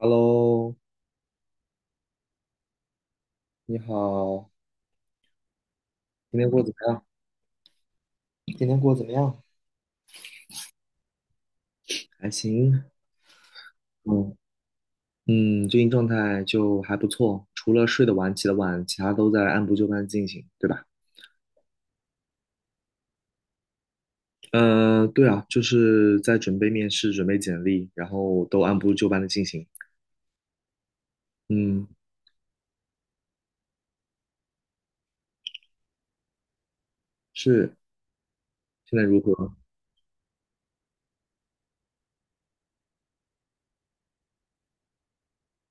哈喽，你好，今天过得怎么样？今天过得怎么样？还行，嗯嗯，最近状态就还不错，除了睡得晚、起得晚，其他都在按部就班进行，对吧？对啊，就是在准备面试、准备简历，然后都按部就班的进行。嗯，是，现在如何？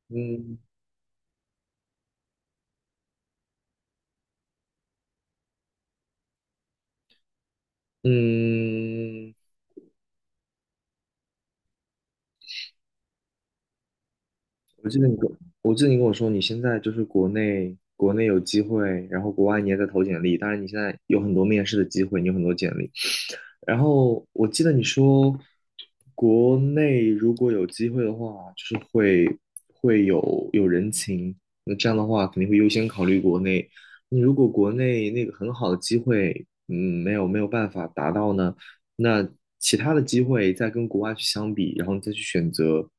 嗯嗯，我记得你跟，我记得你跟我说，你现在就是国内有机会，然后国外你也在投简历，当然你现在有很多面试的机会，你有很多简历。然后我记得你说，国内如果有机会的话，就是会有人情，那这样的话肯定会优先考虑国内。那如果国内那个很好的机会，没有办法达到呢，那其他的机会再跟国外去相比，然后你再去选择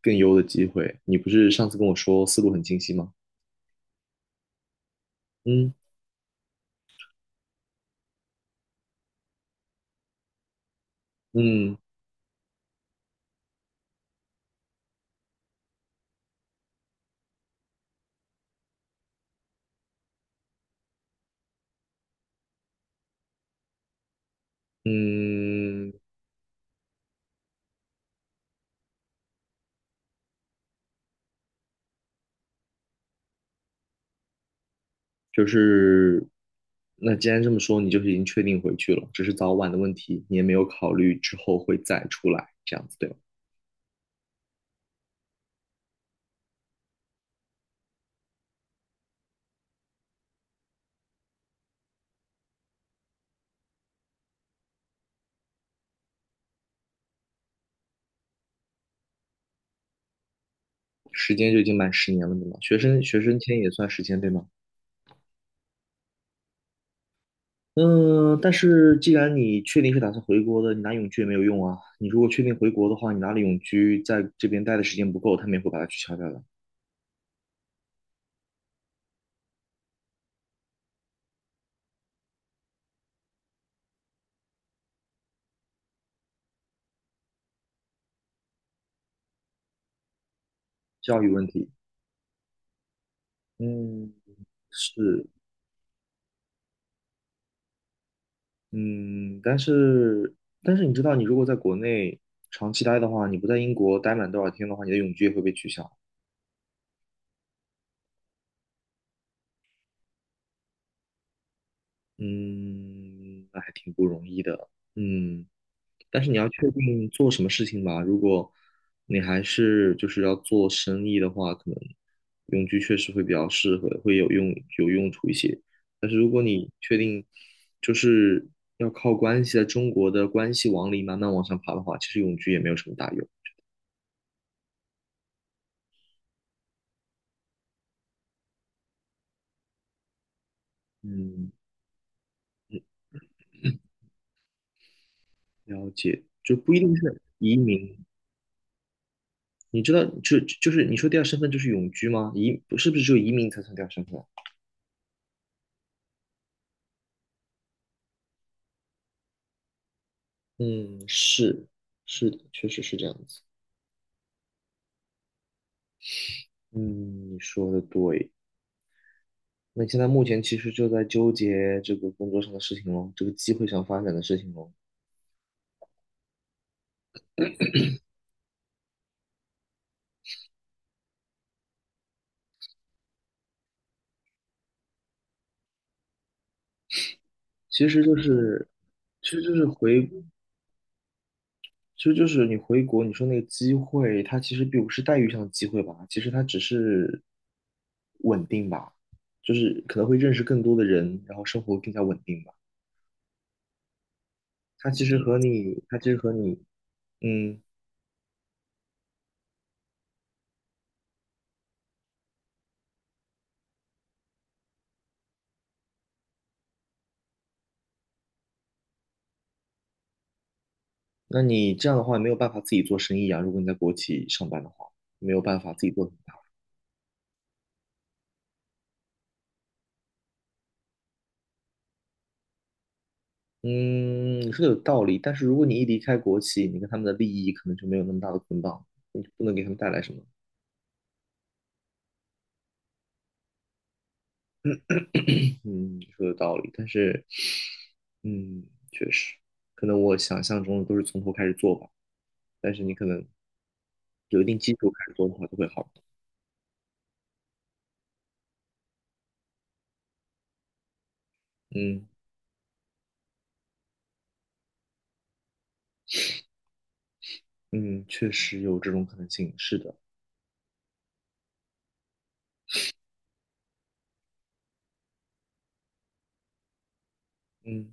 更优的机会。你不是上次跟我说思路很清晰吗？嗯嗯嗯，就是那既然这么说，你就是已经确定回去了，只是早晚的问题，你也没有考虑之后会再出来这样子，对吧？时间就已经满10年了，对吗？学生签也算时间，对吗？嗯，但是既然你确定是打算回国的，你拿永居也没有用啊。你如果确定回国的话，你拿了永居，在这边待的时间不够，他们也会把它取消掉的。教育问题，嗯，是，嗯，但是你知道，你如果在国内长期待的话，你不在英国待满多少天的话，你的永居也会被取消。嗯，那还挺不容易的。嗯，但是你要确定做什么事情吧。如果你还是就是要做生意的话，可能永居确实会比较适合，会有用处一些。确定就是要靠关系，在中国的关系网里慢慢往上爬的话，其实永居也没有什么大用。嗯，了解，就不一定是移民。你知道，就是你说第二身份就是永居吗？是不是只有移民才算第二身份？嗯，是的，确实是这样子。嗯，你说的对。那你现在目前其实就在纠结这个工作上的事情咯，这个机会上发展的事情咯。其实就是，其实就是回其实就是你回国，你说那个机会，它其实并不是待遇上的机会吧，其实它只是稳定吧，就是可能会认识更多的人，然后生活更加稳定吧。它其实和你，它其实和你，嗯，那你这样的话没有办法自己做生意啊。如果你在国企上班的话，没有办法自己做很大。嗯，你说的有道理，但是如果你一离开国企，你跟他们的利益可能就没有那么大的捆绑，你不能给他们带来什么。嗯，你说的道理，但是，嗯，确实，可能我想象中的都是从头开始做吧，但是你可能有一定基础开始做的话，就会好。嗯嗯，确实有这种可能性，是的，嗯，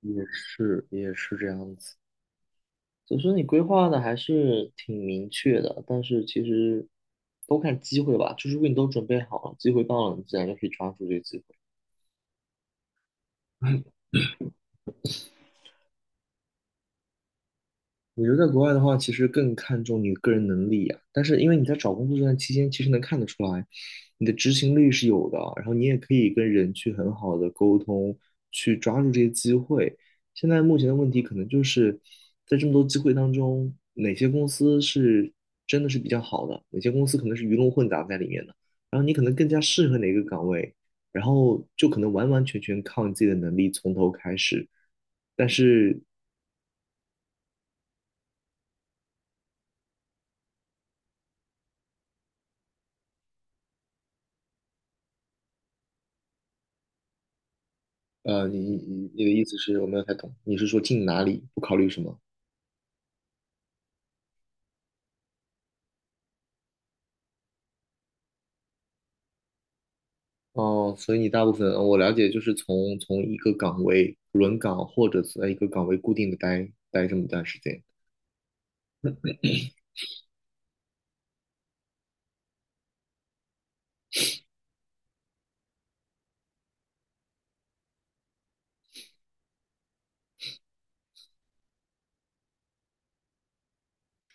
也是这样子。所以说你规划的还是挺明确的，但是其实都看机会吧，就是如果你都准备好了，机会到了，你自然就可以抓住这个机会。我觉得在国外的话，其实更看重你个人能力呀、但是因为你在找工作这段期间，其实能看得出来，你的执行力是有的，然后你也可以跟人去很好的沟通，去抓住这些机会。现在目前的问题可能就是在这么多机会当中，哪些公司是真的是比较好的，哪些公司可能是鱼龙混杂在里面的，然后你可能更加适合哪个岗位，然后就可能完完全全靠你自己的能力从头开始。但是呃，你你你的意思是我没有太懂，你是说进哪里不考虑什么？哦，所以你大部分呃我了解就是从一个岗位轮岗，或者是在一个岗位固定的待这么一段时间，是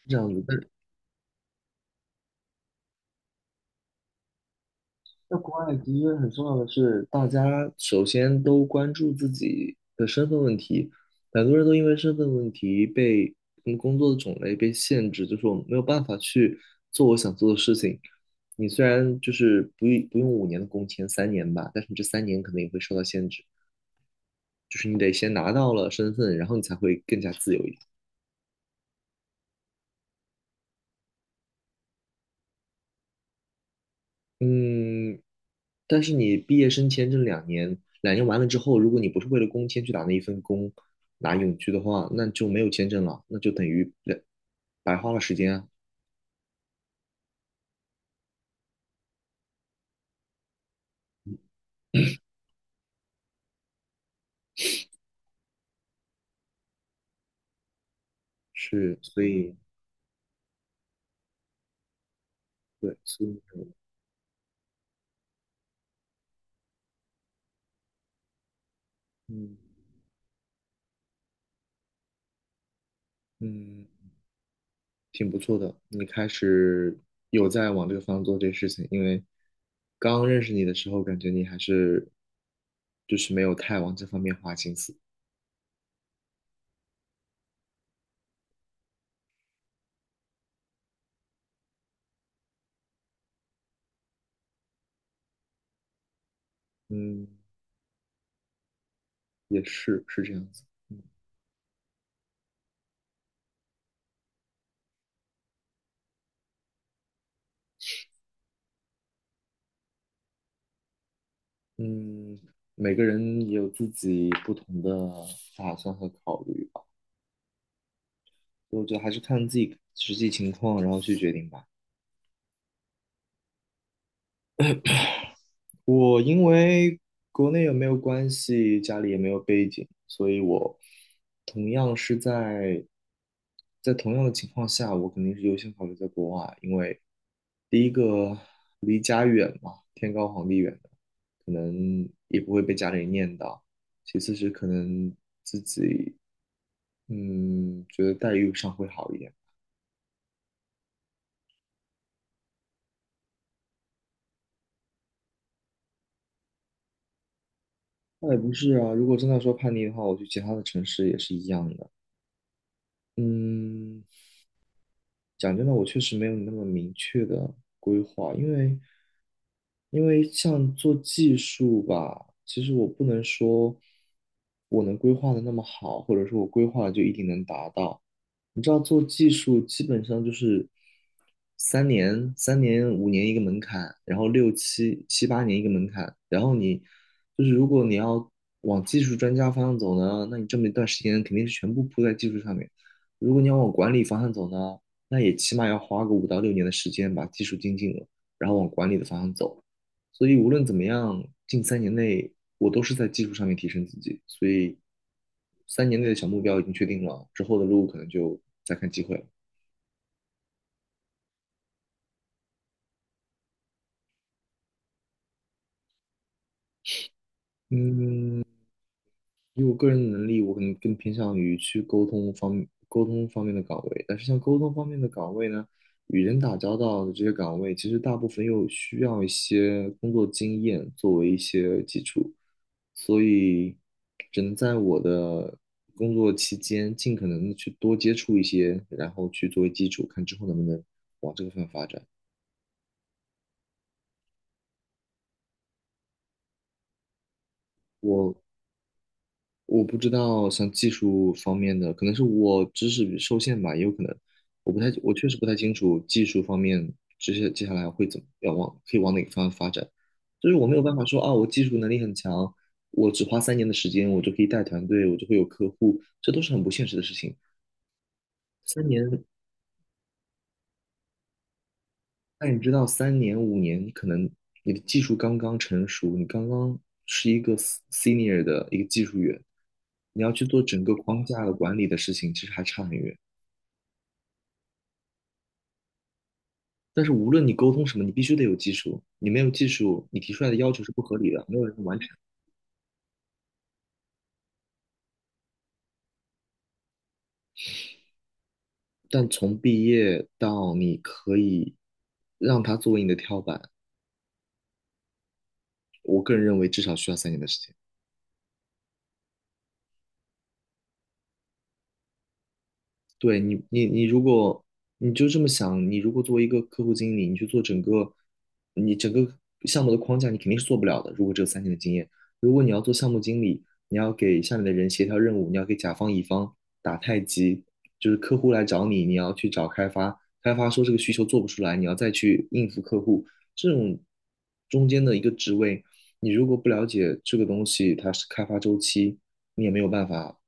这样子。在国外，其实很重要的是，大家首先都关注自己的身份问题。很多人都因为身份问题被工作的种类被限制，就是我没有办法去做我想做的事情。你虽然就是不用五年的工签，三年吧，但是你这三年可能也会受到限制，就是你得先拿到了身份，然后你才会更加自由一点。嗯，但是你毕业生签证两年，两年完了之后，如果你不是为了工签去打那一份工，拿永居的话，那就没有签证了，那就等于白白花了时间啊。是，所以，对，所以，嗯嗯，挺不错的。你开始有在往这个方向做这个事情，因为刚认识你的时候，感觉你还是就是没有太往这方面花心思。嗯，也是，是这样子。嗯，每个人也有自己不同的打算和考虑吧，所以我觉得还是看自己实际情况，然后去决定吧。我因为国内也没有关系，家里也没有背景，所以我同样是在同样的情况下，我肯定是优先考虑在国外，因为第一个离家远嘛，天高皇帝远的，可能也不会被家里念叨。其次是可能自己觉得待遇上会好一点。那也不是啊，如果真的说叛逆的话，我去其他的城市也是一样的。嗯，讲真的，我确实没有你那么明确的规划，因为像做技术吧，其实我不能说我能规划的那么好，或者说我规划了就一定能达到。你知道做技术基本上就是三年、三年、五年一个门槛，然后六七七八年一个门槛，然后你就是如果你要往技术专家方向走呢，那你这么一段时间肯定是全部扑在技术上面；如果你要往管理方向走呢，那也起码要花个5到6年的时间把技术精进了，然后往管理的方向走。所以无论怎么样，近三年内我都是在技术上面提升自己，所以三年内的小目标已经确定了，之后的路可能就再看机会了。嗯，以我个人的能力，我可能更偏向于去沟通方面的岗位。但是像沟通方面的岗位呢，与人打交道的这些岗位，其实大部分又需要一些工作经验作为一些基础，所以只能在我的工作期间尽可能的去多接触一些，然后去作为基础，看之后能不能往这个方向发展。我我不知道像技术方面的，可能是我知识受限吧，也有可能，我确实不太清楚技术方面这些接下来会怎么可以往哪个方向发展，就是我没有办法说啊，我技术能力很强，我只花三年的时间，我就可以带团队，我就会有客户，这都是很不现实的事情。三年，那你知道，3年5年，你可能你的技术刚刚成熟，你刚刚是一个 senior 的一个技术员，你要去做整个框架的管理的事情，其实还差很远。但是无论你沟通什么，你必须得有技术。你没有技术，你提出来的要求是不合理的，没有人能完成。但从毕业到你可以让它作为你的跳板，我个人认为至少需要三年的时间。对你，你如果你就这么想，你如果作为一个客户经理，你去做你整个项目的框架，你肯定是做不了的。如果只有三年的经验，如果你要做项目经理，你要给下面的人协调任务，你要给甲方乙方打太极，就是客户来找你，你要去找开发，开发说这个需求做不出来，你要再去应付客户，这种中间的一个职位，你如果不了解这个东西它是开发周期，你也没有办法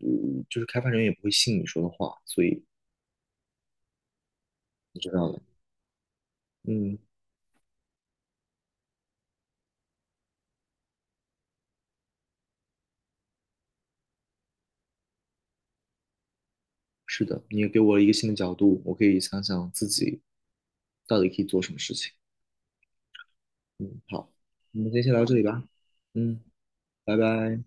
就是开发人员也不会信你说的话，所以你知道的，嗯，是的，你也给我了一个新的角度，我可以想想自己到底可以做什么事情。嗯，好，我们今天先聊到这里吧。嗯，拜拜。